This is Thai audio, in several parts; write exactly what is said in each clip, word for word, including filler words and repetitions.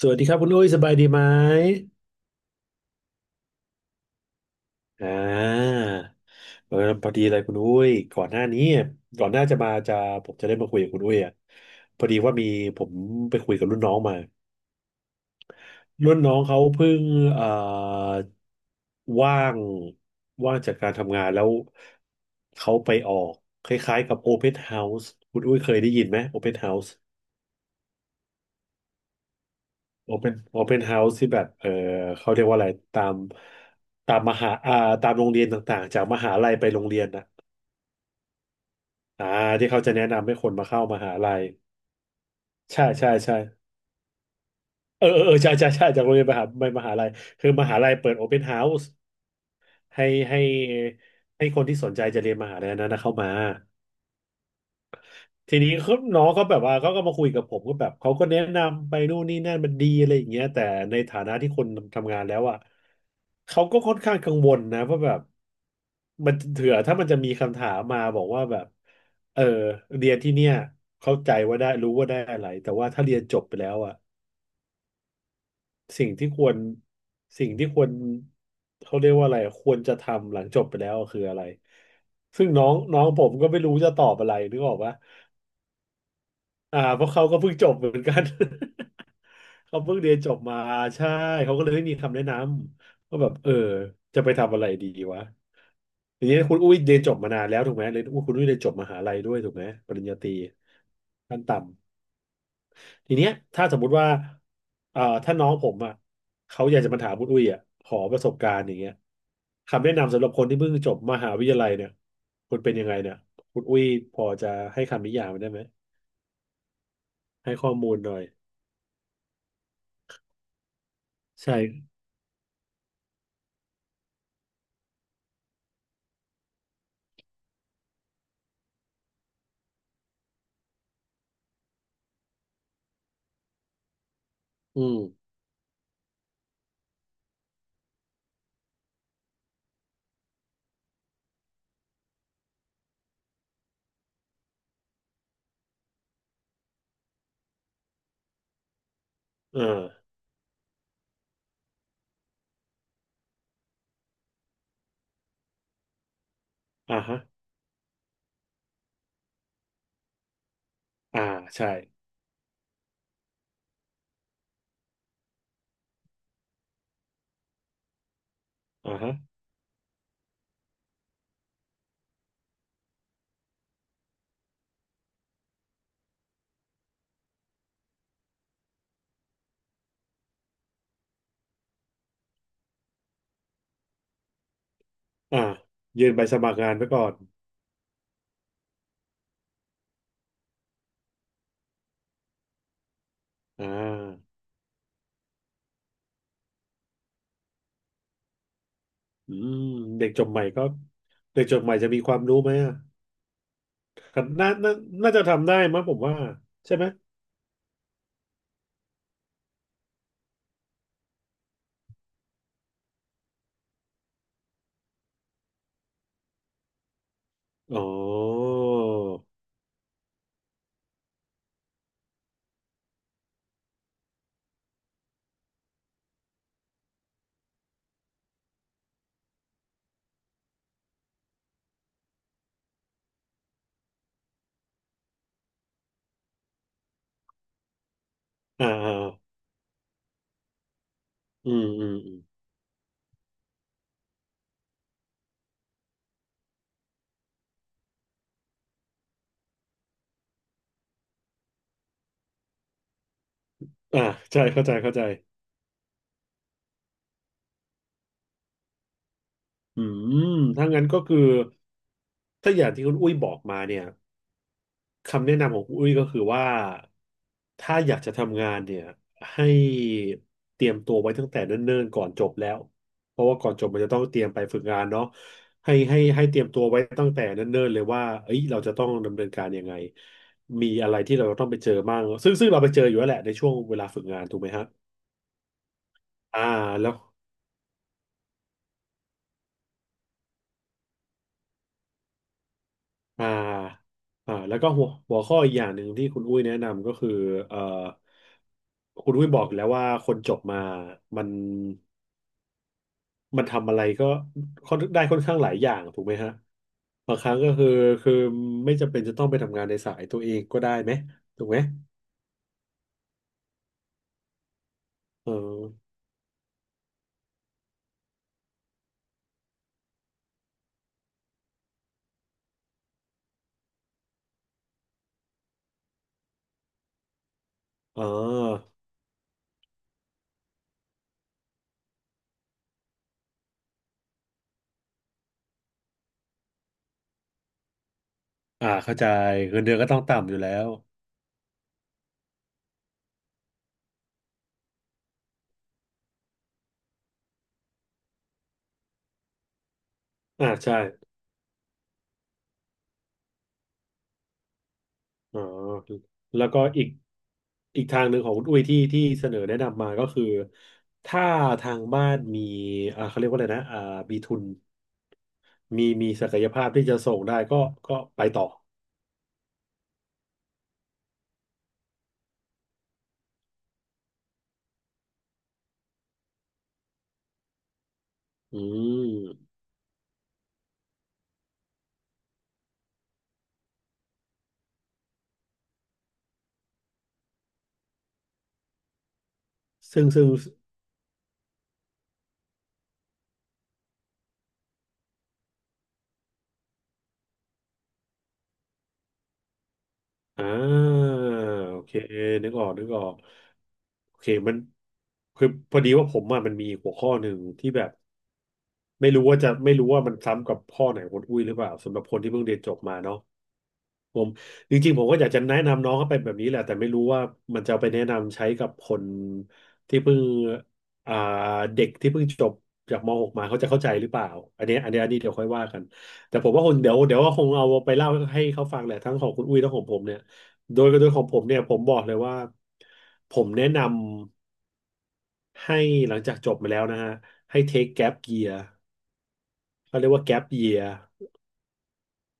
สวัสดีครับคุณอุ้ยสบายดีไหมอ่าเออพอดีเลยคุณอุ้ยก่อนหน้านี้ก่อนหน้าจะมาจะผมจะได้มาคุยกับคุณอุ้ยอ่ะพอดีว่ามีผมไปคุยกับรุ่นน้องมารุ่นน้องเขาเพิ่งเอ่อว่างว่างจากการทำงานแล้วเขาไปออกคล้ายๆกับ Open House คุณอุ้ยเคยได้ยินไหม Open House โอเ n นโอเ n นเฮาส์ที่แบบเออเขาเรียกว่าอะไรตามตามมหาอ่าตามโรงเรียนต่างๆจากมหาลัยไปโรงเรียนนะอ่าที่เขาจะแนะนำให้คนมาเข้ามหาลัยใช่ใช่ใช่เออเออเออใช่ใช่ใช่จากโรงเรียนมหาไปมหาลัยคือมหาลัยเปิดโอเ n นเฮาส์ให้ให้ให้คนที่สนใจจะเรียนมหาลัยนั้นนะเข้ามา ทีนี้เขาน้องเขาแบบว่าเขาก็มาคุยกับผมก็แบบเขาก็แนะนำไปนู่นนี่นั่นมันดีอะไรอย่างเงี้ยแต่ในฐานะที่คนทำงานแล้วอ่ะเขาก็ค่อนข้างกังวลนะว่าแบบมันเถื่อถ้ามันจะมีคำถามมาบอกว่าแบบเออเรียนที่เนี่ยเข้าใจว่าได้รู้ว่าได้อะไรแต่ว่าถ้าเรียนจบไปแล้วอ่ะสิ่งที่ควรสิ่งที่ควรเขาเรียกว่าอะไรควรจะทำหลังจบไปแล้วคืออะไรซึ่งน้องน้องผมก็ไม่รู้จะตอบอะไรนึกออกปะ อ่าเพราะเขาก็เพิ่งจบเหมือนกัน เขาเพิ่งเรียนจบมาใช่เขาก็เลยไม่มีคำแนะนำว่าแบบเออจะไปทำอะไรดีวะทีนี้คุณอุ้ยเรียนจบมานานแล้วถูกไหมเรียนอุ้ยคุณอุ้ยเรียนจบมหาลัยด้วยถูกไหมปริญญาตรีขั้นต่ำทีเนี้ยถ้าสมมุติว่าเอ่อถ้าน้องผมอ่ะเขาอยากจะมาถามคุณอุ้ยอ่ะขอประสบการณ์อย่างเงี้ยคำแนะนำสำหรับคนที่เพิ่งจบมหาวิทยาลัยเนี่ยคุณเป็นยังไงเนี่ยคุณอุ้ยพอจะให้คำนิยามมันได้ไหมให้ข้อมูลหน่อยใช่ อืมอ่าอ่าฮะอ่าใช่อ่าฮะอ่ายื่นใบสมัครงานไว้ก่อนอ่าอืมเด็กจบใหม่ก็เด็กจบใหม่จะมีความรู้ไหมอ่ะน่าน่าน่าจะทำได้มั้งผมว่าใช่ไหมอ๋ออ่าอ่าอืมอืมอืมอ่าใช่เข้าใจเข้าใจอืมถ้างั้นก็คือถ้าอย่างที่คุณอุ้ยบอกมาเนี่ย คำแนะนำของคุณอุ้ยก็คือว่าถ้าอยากจะทำงานเนี่ยให้เตรียมตัวไว้ตั้งแต่เนิ่นๆก่อนจบแล้วเพราะว่าก่อนจบมันจะต้องเตรียมไปฝึกงานเนาะให้ให้ให้เตรียมตัวไว้ตั้งแต่เนิ่นๆเลยว่าเอ้ยเราจะต้องดำเนินการยังไงมีอะไรที่เราต้องไปเจอบ้างซึ่งซึ่งเราไปเจออยู่แล้วแหละในช่วงเวลาฝึกงานถูกไหมฮะอ่าแล้วอ่าอ่าแล้วก็หัวหัวข้ออีกอย่างหนึ่งที่คุณอุ้ยแนะนำก็คือเอ่อคุณอุ้ยบอกแล้วว่าคนจบมามัน มันทำอะไรก็ค่อนได้ค่อนข้างหลายอย่างถูกไหมฮะบางครั้งก็คือคือไม่จำเป็นจะต้องไปทำงานในสายตัวเองก็ได้ไหมถูกไหมเอออ๋ออ่าเข้าใจเงินเดือนก็ต้องต่ำอยู่แล้วอ่าใช่อ๋อแล้วก็อีกอีกทางหนึ่งของคุณอุ้ยที่ที่เสนอแนะนำมาก็คือถ้าทางบ้านมีอ่าเขาเรียกว่าอะไรนะอ่ามีทุนมีมีศักยภาพที่จะส่งได้ก็ก็ไปต่ออืมซึ่งซึ่ง อ่าโอเคนึกออกนึกออกโอเคมันคือพอดีว่าผมอ่ะมันมีหัวข้อหนึ่งที่แบบไม่รู้ว่าจะไม่รู้ว่ามันซ้ำกับข้อไหนของคุณอุ้ยหรือเปล่าสำหรับคนที่เพิ่งเรียนจบมาเนาะ ผมจริงๆผมก็อยากจะแนะนำน้องเขาไปแบบนี้แหละแต่ไม่รู้ว่ามันจะเอาไปแนะนำใช้กับคนที่เพิ่งอ่าเด็กที่เพิ่งจบจากมหกมาเขาจะเข้าใจหรือเปล่าอันนี้อันนี้อันนี้เดี๋ยวค่อยว่ากันแต่ผมว่าคงเดี๋ยวเดี๋ยวก็คงเอาไปเล่าให้เขาฟังแหละทั้งของคุณอุ้ยทั้งของผมเนี่ยโดยโดยของผมเนี่ยผมบอกเลยว่าผมแนะนำให้หลังจากจบมาแล้วนะฮะให้เทคแก a ปเยียร์เขาเรียกว่าแก a ปเยียร์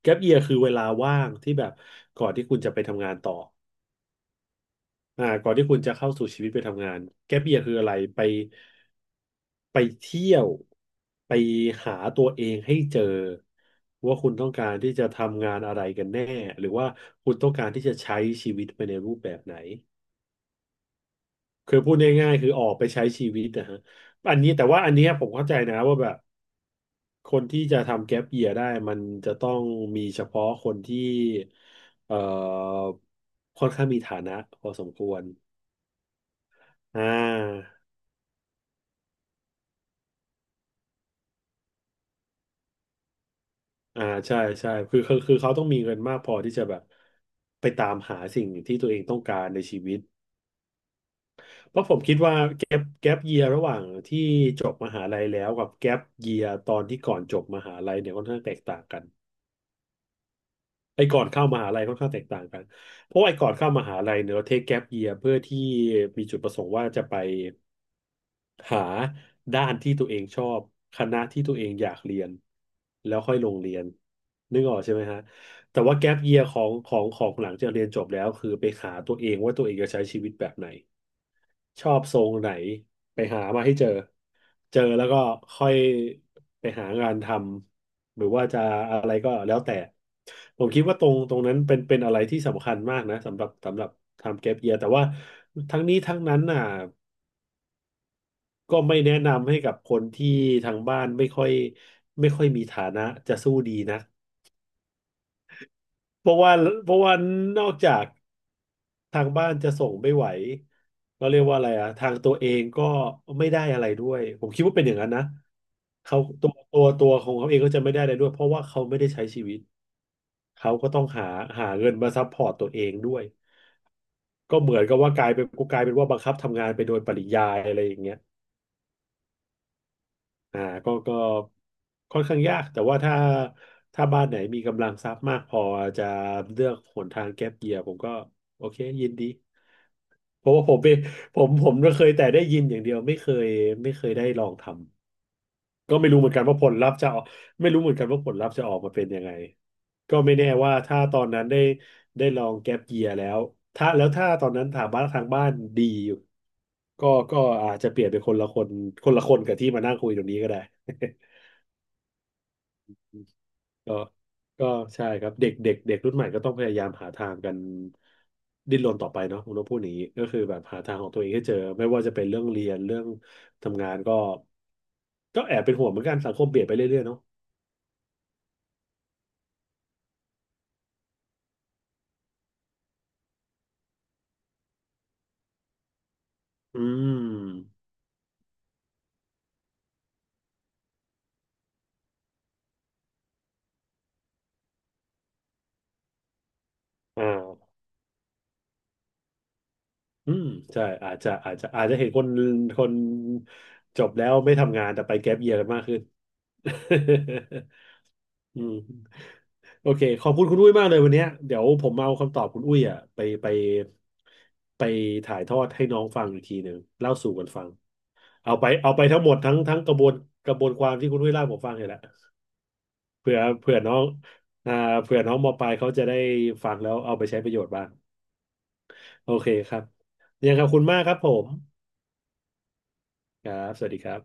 แก a ปเยียร์คือเวลาว่างที่แบบก่อนที่คุณจะไปทำงานต่อ อ่าก่อนที่คุณจะเข้าสู่ชีวิตไปทำงานแก๊ปเยียคืออะไรไปไปเที่ยวไปหาตัวเองให้เจอว่าคุณต้องการที่จะทำงานอะไรกันแน่หรือว่าคุณต้องการที่จะใช้ชีวิตไปในรูปแบบไหนคือพูดง่ายๆคือออกไปใช้ชีวิตนะฮะอันนี้แต่ว่าอันเนี้ยผมเข้าใจนะว่าแบบคนที่จะทำแก๊ปเยียได้มันจะต้องมีเฉพาะคนที่เอ่อค่อนข้างมีฐานะพอสมควรอ่า อ่าใช่ใช่คือคือคือเขาต้องมีเงินมากพอที่จะแบบไปตามหาสิ่งที่ตัวเองต้องการในชีวิตเพราะผมคิดว่าแก๊ปแก๊ปเยียระหว่างที่จบมหาลัยแล้วกับแก๊ปเยียตอนที่ก่อนจบมหาลัยเนี่ยค่อนข้างแตกต่างกันไอ้ก่อนเข้ามหาลัยค่อนข้างแตกต่างกันเพราะว่าไอ้ก่อนเข้ามหาลัยเนี่ยเราเทคแก๊ปเยียเพื่อที่มีจุดประสงค์ว่าจะไป หาด้านที่ตัวเองชอบคณะที่ตัวเองอยากเรียนแล้วค่อยลงเรียนนึกออกใช่ไหมฮะแต่ว่าแก๊ปเยียของของของหลังจากเรียนจบแล้วคือไปหาตัวเองว่าตัวเองจะใช้ชีวิตแบบไหนชอบทรงไหนไปหามาให้เจอเจอแล้วก็ค่อยไปหางานทำหรือว่าจะอะไรก็แล้วแต่ผมคิดว่าตรงตรงนั้นเป็นเป็นอะไรที่สำคัญมากนะสำหรับสำหรับทำแก๊ปเยียแต่ว่าทั้งนี้ทั้งนั้นน่ะ ก็ไม่แนะนำให้กับคนที่ทางบ้านไม่ค่อยไม่ค่อยมีฐานะจะสู้ดีนะเพราะว่าเพราะว่านอกจากทางบ้านจะส่งไม่ไหวเราเรียกว่าอะไรอะทางตัวเองก็ไม่ได้อะไรด้วยผมคิดว่าเป็นอย่างนั้นนะเขาตัวตัวตัวของเขาเองก็จะไม่ได้อะไรด้วยเพราะว่าเขาไม่ได้ใช้ชีวิตเขาก็ต้องหาหาเงินมาซัพพอร์ตตัวเองด้วยก็เหมือนกับว่ากลายเป็นกลายเป็นว่าบังคับทำงานไปโดยปริยายอะไรอย่างเงี้ย อ่าก็ก็ค่อนข้างยากแต่ว่าถ้าถ้าบ้านไหนมีกำลังทรัพย์มากพอจะเลือกหนทางแก๊ปเยียผมก็โอเคยินดีเพราะว่าผมเป็นผมผมก็เคยแต่ได้ยินอย่างเดียวไม่เคยไม่เคยได้ลองทำก็ไม่รู้เหมือนกันว่าผลลัพธ์จะออกไม่รู้เหมือนกันว่าผลลัพธ์จะออกมาเป็นยังไงก็ไม่แน่ว่าถ้าตอนนั้นได้ได้ลองแก๊ปเยียแล้วถ้าแล้วถ้าตอนนั้นถามบ้านทางบ้านดีอยู่ก็ก็อาจจะเปลี่ยนเป็นคนละคนคนละคนกับที่มานั่งคุยตรงนี้ก็ได้ ก็ก็ใช่ครับเด็กเด็กเด็กรุ่นใหม่ก็ต้องพยายามหาทางกันดิ้นรนต่อไปเนาะผมต้องพูดอย่างนี้ก็คือแบบหาทางของตัวเองให้เจอไม่ว่าจะเป็นเรื่องเรียนเรื่องทำงานก็ก็แอบเป็นห่วงเหมือนกันสังคมเปลี่ยนไปเรื่อยๆเนาะอืมอ่าอืมใช่อาจจะอาจจะอาจจะเห็นคนคนจบแล้วไม่ทำงานแต่ไปแก๊ปเยียร์กันมากขึ้น อืมโอเคขอบคุณคุณอุ้ยมากเลยวันเนี้ยเดี๋ยวผมเอาคำตอบคุณอุ้ยอ่ะไปไปไปถ่ายทอดให้น้องฟังอีกทีหนึ่งเล่าสู่กันฟังเอาไปเอาไปทั้งหมดทั้งทั้งกระบวนกระบวนความที่คุณอุ้ยเล่าผมฟังเลยแหละเผื่อเผื่อน้องอ่าเผื่อน้องมปลายเขาจะได้ฟังแล้วเอาไปใช้ประโยชน์บ้างโอเคครับยังไงขอบคุณมากครับผมครับสวัสดีครับ